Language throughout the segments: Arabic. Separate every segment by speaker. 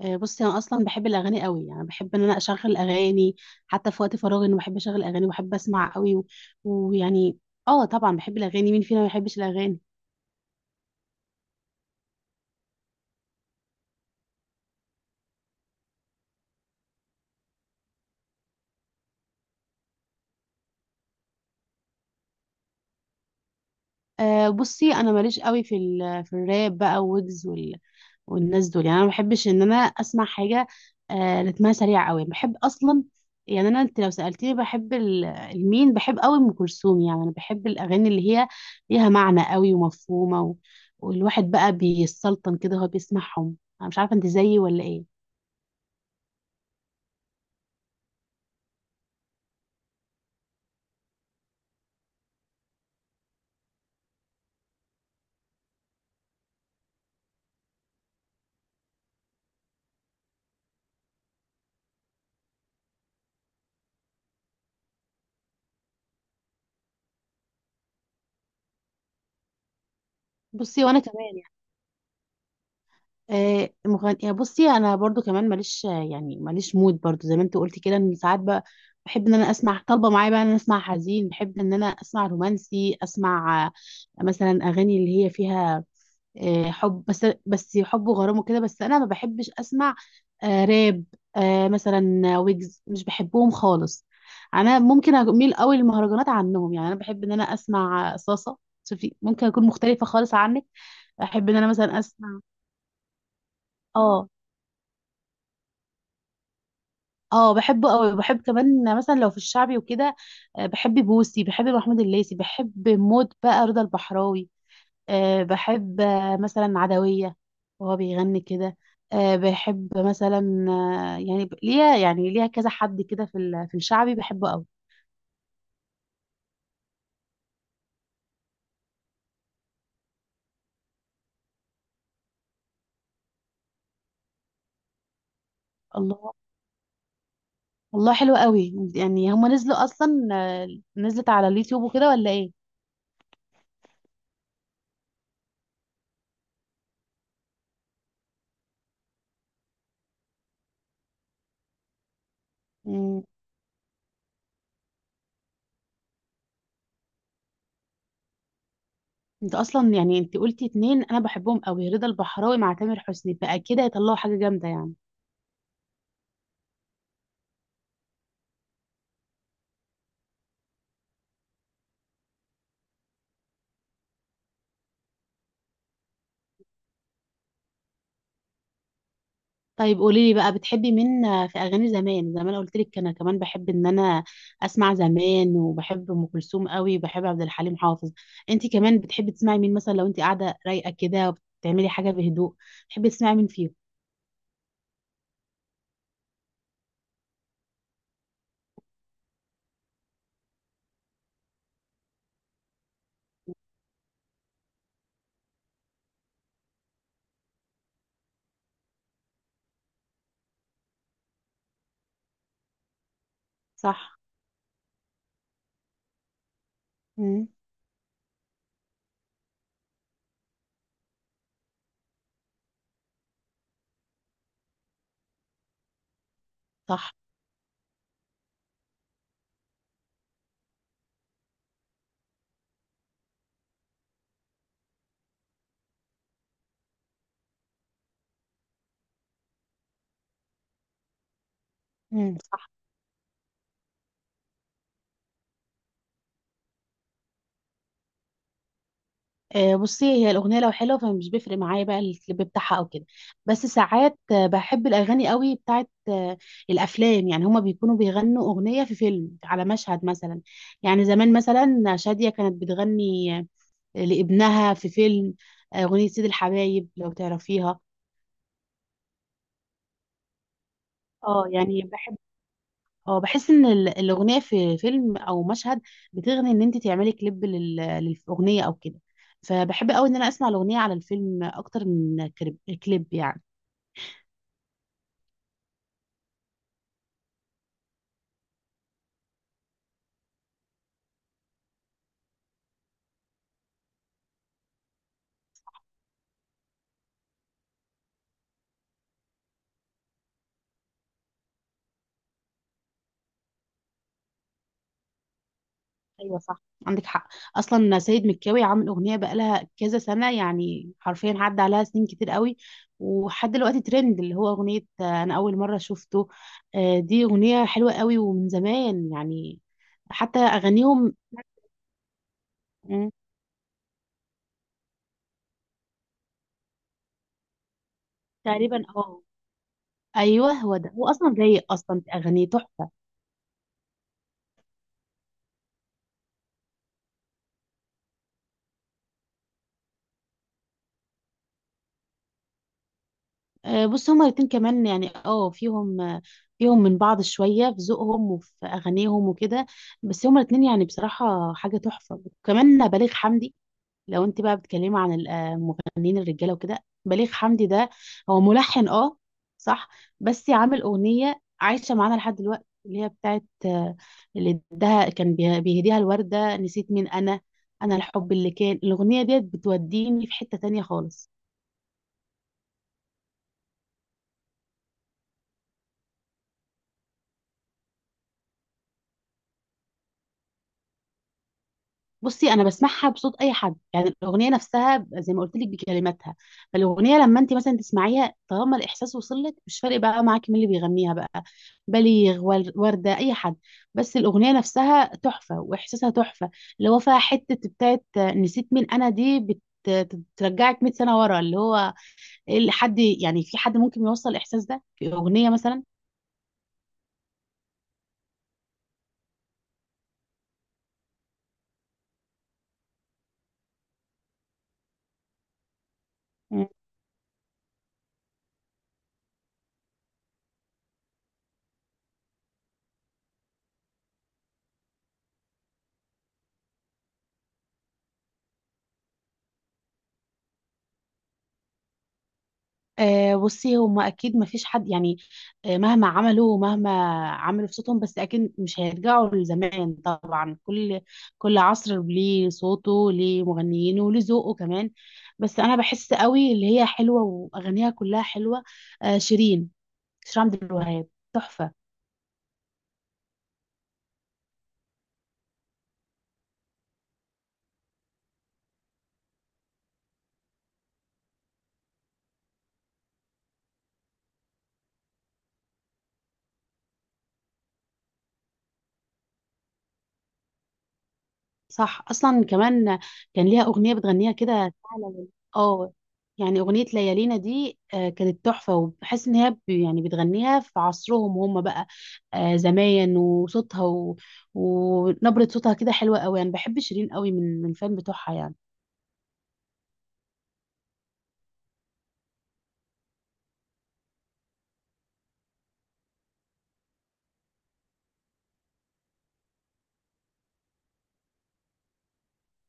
Speaker 1: بصي انا اصلا بحب الاغاني قوي يعني بحب ان انا اشغل اغاني حتى في وقت فراغي انا بحب اشغل اغاني وبحب اسمع قوي ويعني اه طبعا بحب الاغاني. مين فينا ما بيحبش الاغاني؟ بصي انا ماليش قوي في في الراب بقى ويجز والناس دول. يعني انا ما بحبش ان انا اسمع حاجه رتمها سريع قوي بحب اصلا. يعني انا، انت لو سالتني بحب المين؟ بحب قوي ام كلثوم. يعني انا بحب الاغاني اللي هي ليها معنى قوي ومفهومه والواحد بقى بيسلطن كده وهو بيسمعهم. انا مش عارفه انت زيي ولا ايه؟ بصي وانا كمان يعني. مغني، بصي انا برضو كمان ماليش يعني، ماليش مود برضو زي ما انت قلتي كده. ان ساعات بقى بحب ان انا اسمع طالبه معايا بقى ان انا اسمع حزين، بحب ان انا اسمع رومانسي، اسمع مثلا اغاني اللي هي فيها حب. بس حب وغرام وكده، بس انا ما بحبش اسمع راب. مثلا ويجز مش بحبهم خالص. انا ممكن اميل قوي للمهرجانات عنهم. يعني انا بحب ان انا اسمع صاصه. شوفي ممكن اكون مختلفه خالص عنك. احب ان انا مثلا اسمع. اه. اه بحبه قوي، بحب كمان مثلا لو في الشعبي وكده. بحب بوسي، بحب محمود الليثي، بحب موت بقى رضا البحراوي. بحب مثلا عدوية وهو بيغني كده. بحب مثلا يعني ليها، يعني ليها كذا حد كده في في الشعبي بحبه قوي. الله! والله حلو قوي. يعني هما نزلوا اصلا نزلت على اليوتيوب وكده ولا ايه؟ مم. انت اصلا يعني، انت قلتي اتنين انا بحبهم قوي، رضا البحراوي مع تامر حسني، فاكيد هيطلعوا حاجة جامدة يعني. طيب قولي لي بقى، بتحبي مين في اغاني زمان؟ زمان قلت لك انا كمان بحب ان انا اسمع زمان، وبحب ام كلثوم قوي وبحب عبد الحليم حافظ. انت كمان بتحبي تسمعي مين مثلا لو انت قاعده رايقه كده وبتعملي حاجه بهدوء؟ بتحبي تسمعي مين فيهم؟ صح. مم. صح. مم. بصي هي الاغنيه لو حلوه فمش بيفرق معايا بقى الكليب بتاعها او كده. بس ساعات بحب الاغاني قوي بتاعت الافلام. يعني هما بيكونوا بيغنوا اغنيه في فيلم على مشهد مثلا. يعني زمان مثلا شاديه كانت بتغني لابنها في فيلم اغنيه سيد الحبايب، لو تعرفيها. اه يعني بحب. اه بحس ان الاغنيه في فيلم او مشهد بتغني، ان انت تعملي كليب للاغنيه او كده. فبحب قوي ان انا اسمع الاغنيه على الفيلم اكتر من كليب كليب يعني. ايوه صح. عندك حق. اصلا سيد مكاوي عامل اغنيه بقالها كذا سنه، يعني حرفيا عدى عليها سنين كتير قوي. وحد دلوقتي ترند اللي هو اغنيه انا اول مره شفته. دي اغنيه حلوه قوي ومن زمان يعني. حتى اغانيهم. مم، تقريبا. اه ايوه هو ده. هو اصلا رايق اصلا، في اغانيه تحفه. بص هما الاتنين كمان يعني فيهم فيهم من بعض شويه في ذوقهم وفي اغانيهم وكده. بس هما الاتنين يعني بصراحه حاجه تحفه، وكمان بليغ حمدي. لو انت بقى بتتكلمي عن المغنيين الرجاله وكده، بليغ حمدي ده هو ملحن. اه صح. بس عامل اغنيه عايشه معانا لحد دلوقتي اللي هي بتاعت اللي اداها، كان بيهديها الورده، نسيت مين انا. انا الحب اللي كان، الاغنيه ديت بتوديني في حته تانية خالص. بصي انا بسمعها بصوت اي حد، يعني الاغنيه نفسها، زي ما قلت لك بكلماتها. فالاغنيه لما انت مثلا تسمعيها، طالما الاحساس وصل لك، مش فارق بقى معاكي مين اللي بيغنيها بقى، بليغ، ورده، اي حد. بس الاغنيه نفسها تحفه واحساسها تحفه، اللي هو فيها حته بتاعت نسيت مين انا دي، بترجعك 100 سنه ورا. اللي هو إيه اللي حد يعني، في حد ممكن يوصل الاحساس ده في اغنيه مثلا؟ بصي هما اكيد ما فيش حد يعني مهما عملوا، ومهما عملوا في صوتهم، بس اكيد مش هيرجعوا لزمان. طبعا كل كل عصر ليه صوته، ليه مغنيينه، وليه ذوقه كمان. بس انا بحس قوي اللي هي حلوه واغانيها كلها حلوه، شيرين. شيرين عبد الوهاب، تحفه. صح. اصلا كمان كان ليها اغنيه بتغنيها كده فعلا. اه يعني اغنيه ليالينا دي كانت تحفه. وبحس ان هي يعني بتغنيها في عصرهم هم بقى زمان. وصوتها ونبره صوتها كده حلوه قوي، يعني بحب شيرين قوي، من فان بتوعها يعني.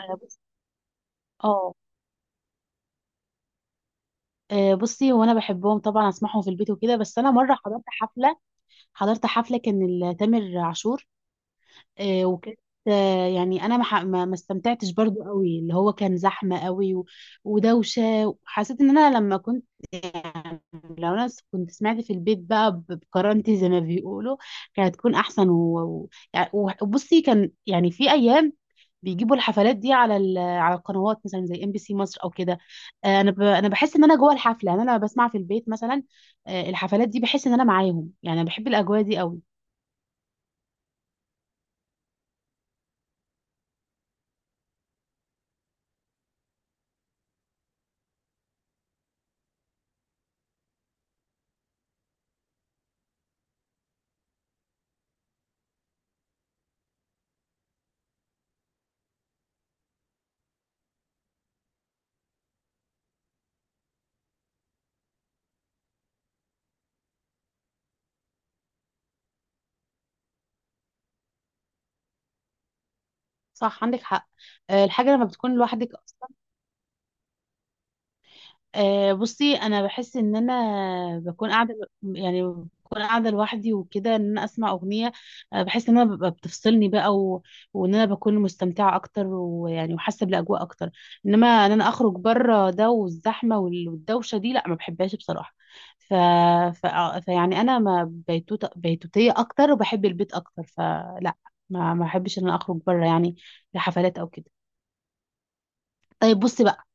Speaker 1: أنا بص- اه. بصي هو انا بحبهم طبعا، اسمعهم في البيت وكده، بس انا مره حضرت حفله كان تامر عاشور. وكانت يعني انا ما استمتعتش برضو قوي. اللي هو كان زحمه قوي ودوشه. حسيت ان انا لما كنت يعني، لو انا كنت سمعت في البيت بقى بكرامتي، زي ما بيقولوا، كانت تكون احسن وبصي، كان يعني في ايام بيجيبوا الحفلات دي على على القنوات مثلا زي ام بي سي مصر او كده. انا انا بحس ان انا جوه الحفله. يعني انا لما بسمع في البيت مثلا الحفلات دي، بحس ان انا معاهم. يعني انا بحب الاجواء دي قوي. صح. عندك حق. الحاجة لما بتكون لوحدك أصلا. بصي أنا بحس إن أنا بكون قاعدة، يعني بكون قاعدة لوحدي وكده، إن أنا أسمع أغنية بحس إن أنا ببقى بتفصلني بقى وإن أنا بكون مستمتعة أكتر، ويعني وحاسة بالأجواء أكتر. إنما إن أنا أخرج بره ده، والزحمة والدوشة دي، لا ما بحبهاش بصراحة. ف... فيعني أنا ما بيتوتية أكتر وبحب البيت أكتر. فلا ما بحبش إن أنا أخرج بره يعني لحفلات أو كده. طيب بصي بقى.